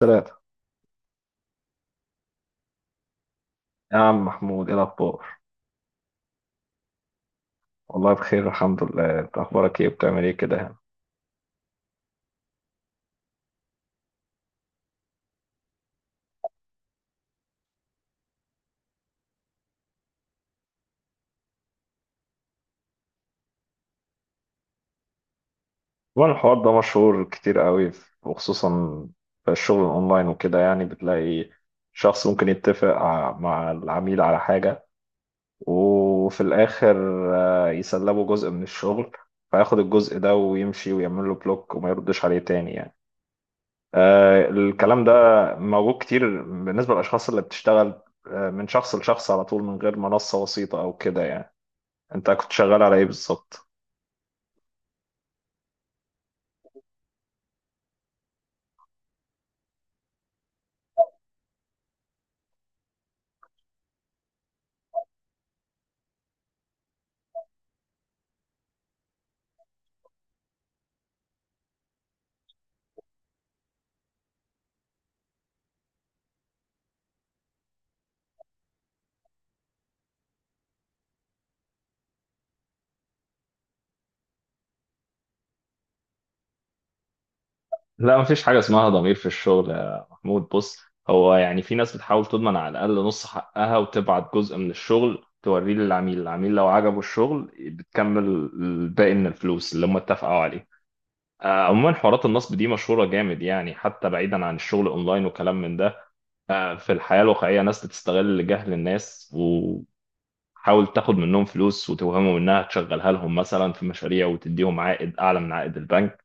ثلاثة. يا عم محمود، ايه الأخبار؟ والله بخير الحمد لله، انت أخبارك ايه وبتعمل ايه كده يعني؟ طبعا الحوار ده مشهور كتير قوي، وخصوصا في الشغل الأونلاين وكده يعني، بتلاقي شخص ممكن يتفق مع العميل على حاجة، وفي الآخر يسلبه جزء من الشغل، فياخد الجزء ده ويمشي ويعمل له بلوك وما يردش عليه تاني يعني. الكلام ده موجود كتير بالنسبة للأشخاص اللي بتشتغل من شخص لشخص على طول، من غير منصة وسيطة أو كده يعني. انت كنت شغال على ايه بالظبط؟ لا، مفيش حاجة اسمها ضمير في الشغل يا محمود. بص، هو يعني في ناس بتحاول تضمن على الأقل نص حقها، وتبعت جزء من الشغل توريه للعميل، العميل لو عجبه الشغل بتكمل الباقي من الفلوس اللي هم اتفقوا عليه. عموما حوارات النصب دي مشهورة جامد يعني، حتى بعيدا عن الشغل أونلاين وكلام من ده. في الحياة الواقعية ناس بتستغل جهل الناس، وحاول تاخد منهم فلوس وتوهمهم إنها تشغلها لهم مثلا في مشاريع، وتديهم عائد أعلى من عائد البنك.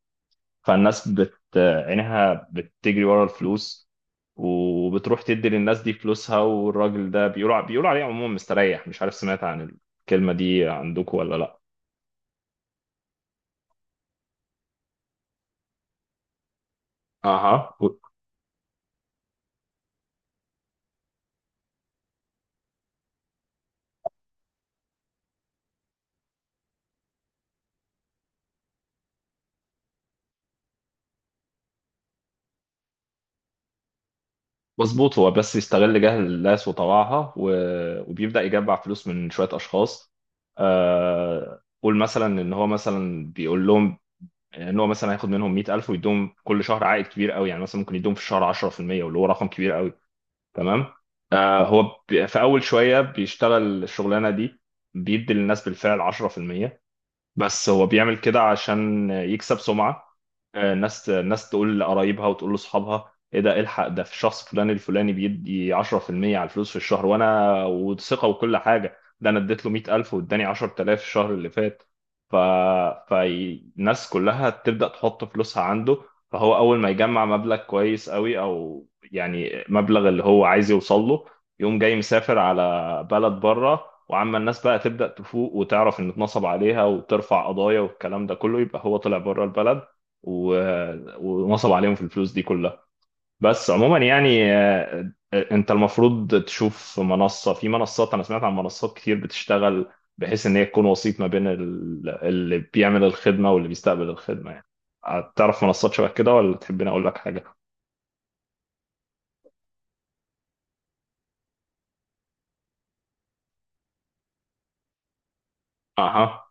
فالناس بت عينها بتجري ورا الفلوس، وبتروح تدي للناس دي فلوسها، والراجل ده بيقولوا عليه عموما مستريح. مش عارف سمعت عن الكلمة دي عندكم ولا لا؟ اها. مظبوط، هو بس يستغل جهل الناس وطوعها وبيبدأ يجمع فلوس من شوية أشخاص. قول مثلا إن هو مثلا بيقول لهم إن هو مثلا هياخد منهم 100,000 ويديهم كل شهر عائد كبير قوي، يعني مثلا ممكن يديهم في الشهر 10%، واللي هو رقم كبير قوي، تمام؟ هو في اول شويه بيشتغل الشغلانه دي، بيدي للناس بالفعل 10%، بس هو بيعمل كده عشان يكسب سمعة. الناس تقول لقرايبها وتقول لاصحابها: ايه ده؟ الحق ده في شخص فلان الفلاني بيدي 10% على الفلوس في الشهر، وانا وثقة وكل حاجة، ده انا اديت له 100,000 واداني 10,000 الشهر اللي فات. ف... فالناس كلها تبدأ تحط فلوسها عنده. فهو اول ما يجمع مبلغ كويس قوي او يعني مبلغ اللي هو عايز يوصل له، يقوم جاي مسافر على بلد بره. وعما الناس بقى تبدأ تفوق وتعرف ان اتنصب عليها وترفع قضايا والكلام ده كله، يبقى هو طلع بره البلد و... ونصب عليهم في الفلوس دي كلها. بس عموما يعني، انت المفروض تشوف منصة. في منصات، انا سمعت عن منصات كتير بتشتغل بحيث ان هي تكون وسيط ما بين اللي بيعمل الخدمة واللي بيستقبل الخدمة يعني. تعرف منصات شبه كده، ولا تحبني اقول لك حاجة؟ اها.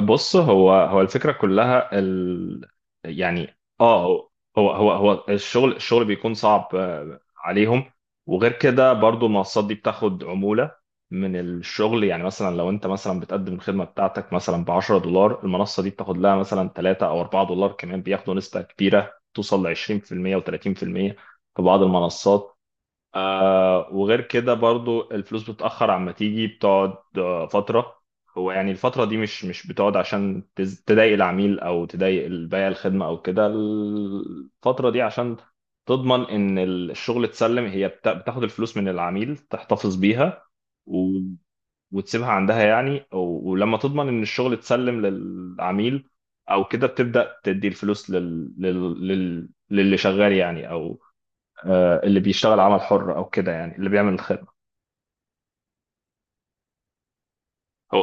بص، هو الفكرة كلها ال... يعني اه هو الشغل بيكون صعب عليهم. وغير كده برضو المنصات دي بتاخد عمولة من الشغل، يعني مثلا لو انت مثلا بتقدم الخدمة بتاعتك مثلا ب 10 دولار، المنصة دي بتاخد لها مثلا 3 او 4 دولار، كمان بياخدوا نسبة كبيرة توصل ل 20% و30% في بعض المنصات. وغير كده برضو الفلوس بتأخر عما تيجي، بتقعد فترة. هو يعني الفترة دي مش بتقعد عشان تضايق العميل أو تضايق البائع الخدمة أو كده، الفترة دي عشان تضمن إن الشغل اتسلم. هي بتاخد الفلوس من العميل تحتفظ بيها و... وتسيبها عندها يعني، ولما تضمن ان الشغل اتسلم للعميل او كده، بتبدأ تدي الفلوس للي شغال يعني، او اللي بيشتغل عمل حر او كده، يعني اللي بيعمل الخدمه. هو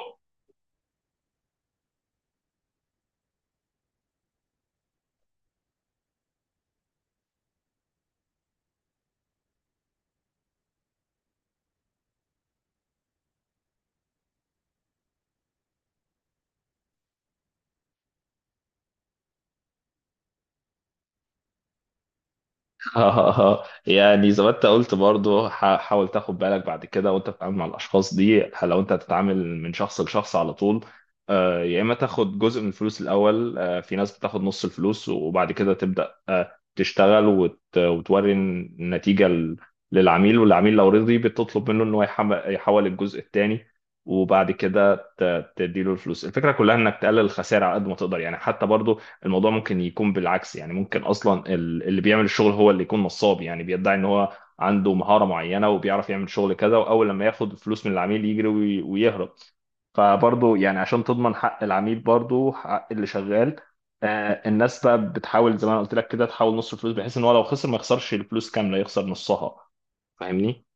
يعني زي ما انت قلت برضو، حاول تاخد بالك بعد كده وانت بتتعامل مع الاشخاص دي. لو انت هتتعامل من شخص لشخص على طول، يا اما تاخد جزء من الفلوس الاول. في ناس بتاخد نص الفلوس وبعد كده تبدا تشتغل، وتوري النتيجه للعميل، والعميل لو رضي بتطلب منه ان هو يحول الجزء الثاني، وبعد كده تديله الفلوس. الفكره كلها انك تقلل الخسائر على قد ما تقدر يعني. حتى برضو الموضوع ممكن يكون بالعكس، يعني ممكن اصلا اللي بيعمل الشغل هو اللي يكون نصاب، يعني بيدعي ان هو عنده مهارة معينة وبيعرف يعمل شغل كذا، واول لما ياخد الفلوس من العميل يجري ويهرب. فبرضه يعني عشان تضمن حق العميل برضه حق اللي شغال، الناس بقى بتحاول زي ما انا قلت لك كده، تحاول نص الفلوس بحيث ان هو لو خسر ما يخسرش الفلوس كاملة، يخسر نصها. فاهمني؟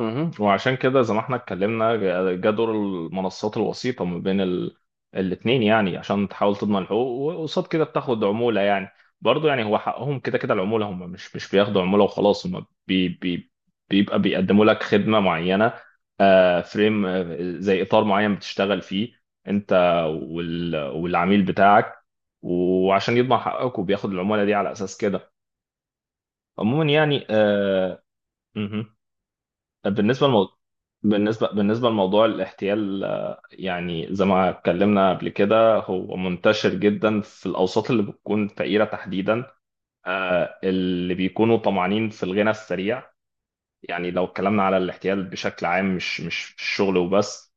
مهم. وعشان كده زي ما احنا اتكلمنا، جا دور المنصات الوسيطة ما بين الاتنين يعني، عشان تحاول تضمن الحقوق، وقصاد كده بتاخد عمولة يعني. برضه يعني هو حقهم، كده كده العمولة، هم مش بياخدوا عمولة وخلاص، هم بيبقى بيقدموا لك خدمة معينة. فريم، زي إطار معين بتشتغل فيه أنت والعميل بتاعك، وعشان يضمن حقك وبياخد العمولة دي على أساس كده. عموما يعني مهم. طب بالنسبة لموضوع، بالنسبة لموضوع الاحتيال، يعني زي ما اتكلمنا قبل كده، هو منتشر جدا في الأوساط اللي بتكون فقيرة تحديدا، اللي بيكونوا طمعانين في الغنى السريع. يعني لو اتكلمنا على الاحتيال بشكل عام، مش في الشغل وبس،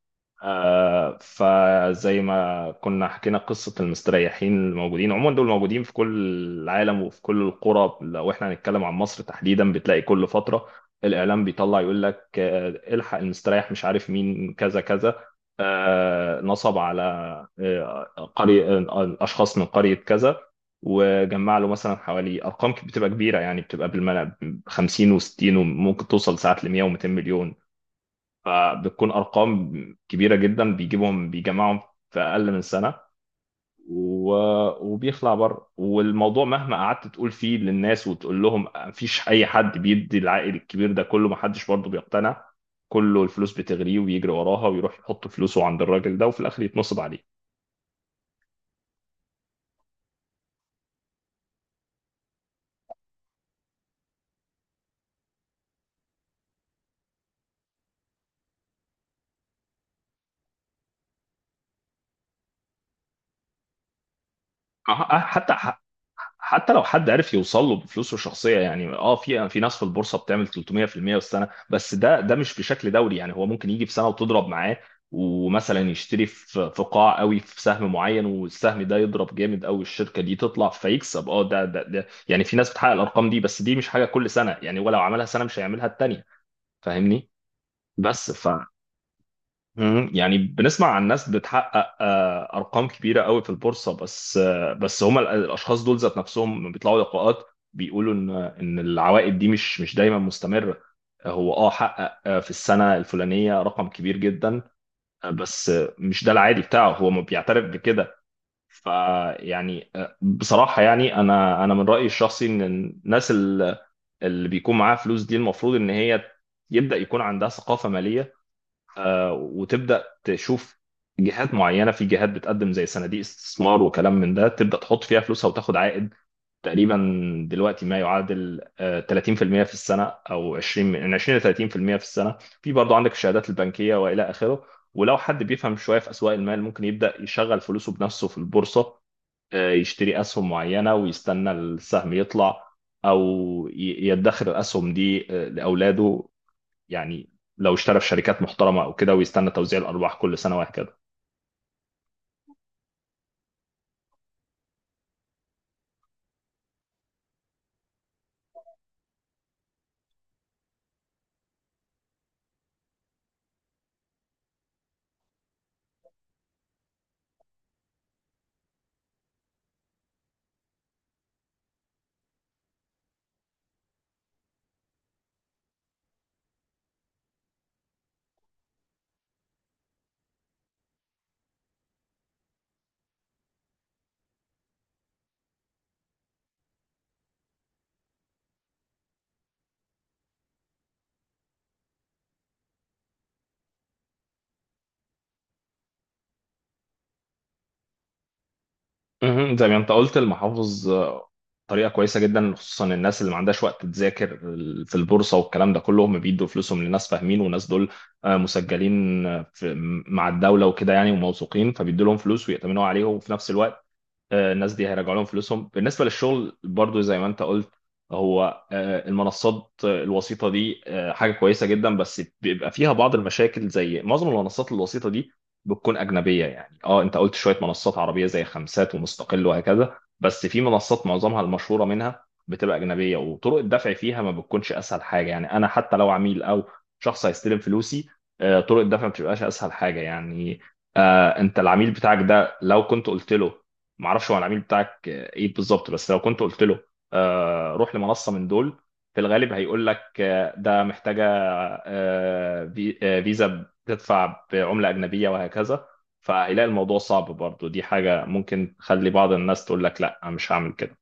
فزي ما كنا حكينا قصة المستريحين الموجودين، عموما دول موجودين في كل العالم وفي كل القرى. لو احنا هنتكلم عن مصر تحديدا، بتلاقي كل فترة الإعلام بيطلع يقول لك الحق المستريح مش عارف مين، كذا كذا، نصب على آه، قرية، أشخاص من قرية كذا، وجمع له مثلا حوالي أرقام بتبقى كبيرة يعني، بتبقى بالملا 50 و60 وممكن توصل ساعات ل 100 و200 مليون. فبتكون أرقام كبيرة جدا، بيجيبهم بيجمعهم في أقل من سنة وبيخلع بره. والموضوع مهما قعدت تقول فيه للناس وتقول لهم مفيش اي حد بيدي العائد الكبير ده كله، محدش برضه بيقتنع، كله الفلوس بتغريه ويجري وراها ويروح يحط فلوسه عند الراجل ده، وفي الاخر يتنصب عليه. أه- أه- حتى حتى لو حد عرف يوصل له بفلوسه الشخصيه يعني، اه في ناس في البورصه بتعمل 300% في المية في السنه، بس ده مش بشكل دوري يعني. هو ممكن يجي في سنه وتضرب معاه، ومثلا يشتري في قاع قوي في سهم معين، والسهم ده يضرب جامد قوي، الشركه دي تطلع فيكسب. اه ده ده ده يعني في ناس بتحقق الارقام دي، بس دي مش حاجه كل سنه يعني، ولو عملها سنه مش هيعملها التانيه. فاهمني؟ بس ف مم. يعني بنسمع عن ناس بتحقق ارقام كبيره قوي في البورصه، بس بس هم الاشخاص دول ذات نفسهم لما بيطلعوا لقاءات بيقولوا ان العوائد دي مش دايما مستمره. هو اه حقق في السنه الفلانيه رقم كبير جدا، بس مش ده العادي بتاعه، هو ما بيعترف بكده. فيعني بصراحه يعني، انا من رايي الشخصي، ان الناس اللي بيكون معاها فلوس دي، المفروض ان هي يبدا يكون عندها ثقافه ماليه، وتبدا تشوف جهات معينه. في جهات بتقدم زي صناديق استثمار وكلام من ده، تبدا تحط فيها فلوسها وتاخد عائد تقريبا دلوقتي ما يعادل 30% في المية في السنه، او 20، من 20 ل 30% في المية في السنه. في برضه عندك الشهادات البنكيه والى اخره. ولو حد بيفهم شويه في اسواق المال، ممكن يبدا يشغل فلوسه بنفسه في البورصه، يشتري اسهم معينه ويستنى السهم يطلع، او يدخر الاسهم دي لاولاده، يعني لو اشترى في شركات محترمة أو كده، ويستنى توزيع الأرباح كل سنة وهكذا. مهم. زي ما أنت قلت، المحافظ طريقة كويسة جدا، خصوصا الناس اللي ما عندهاش وقت تذاكر في البورصة والكلام ده كله، هم بيدوا فلوسهم لناس فاهمين، والناس دول مسجلين في مع الدولة وكده يعني، وموثوقين، فبيدوا لهم فلوس ويأتمنوا عليهم، وفي نفس الوقت الناس دي هيرجعوا لهم فلوسهم. بالنسبه للشغل برضو زي ما انت قلت، هو المنصات الوسيطه دي حاجه كويسه جدا، بس بيبقى فيها بعض المشاكل. زي معظم المنصات الوسيطه دي بتكون اجنبيه يعني. اه انت قلت شويه منصات عربيه زي خمسات ومستقل وهكذا، بس في منصات معظمها المشهوره منها بتبقى اجنبيه، وطرق الدفع فيها ما بتكونش اسهل حاجه يعني. انا حتى لو عميل او شخص هيستلم فلوسي، طرق الدفع ما بتبقاش اسهل حاجه يعني. انت العميل بتاعك ده، لو كنت قلت له، ما اعرفش هو العميل بتاعك ايه بالظبط، بس لو كنت قلت له روح لمنصه من دول، في الغالب هيقول لك ده محتاجه فيزا، بتدفع بعمله اجنبيه وهكذا، فهيلاقي الموضوع صعب. برضو دي حاجه ممكن تخلي بعض الناس تقول لك لا أنا مش هعمل كده.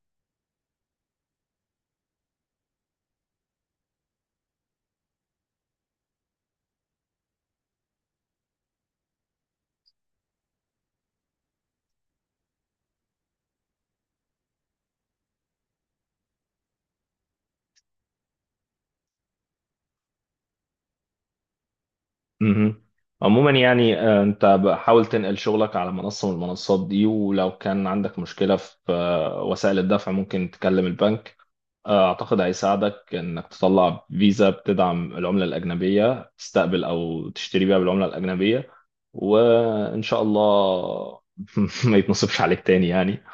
مهم. عموما يعني انت حاول تنقل شغلك على منصه من المنصات دي، ولو كان عندك مشكله في وسائل الدفع، ممكن تكلم البنك. أعتقد هيساعدك إنك تطلع فيزا بتدعم العملة الأجنبية، تستقبل أو تشتري بيها بالعملة الأجنبية، وإن شاء الله ما يتنصبش عليك تاني يعني،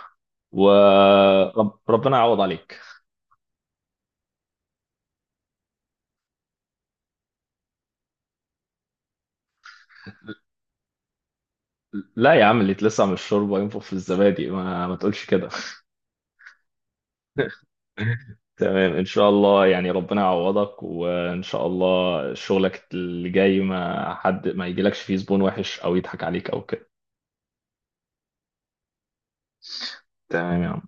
وربنا يعوض عليك. لا يا عم، اللي يتلسع من الشوربة ينفخ في الزبادي، ما تقولش كده. تمام إن شاء الله. يعني ربنا يعوضك، وإن شاء الله شغلك اللي جاي ما حد ما يجيلكش فيه زبون وحش أو يضحك عليك أو كده. تمام يا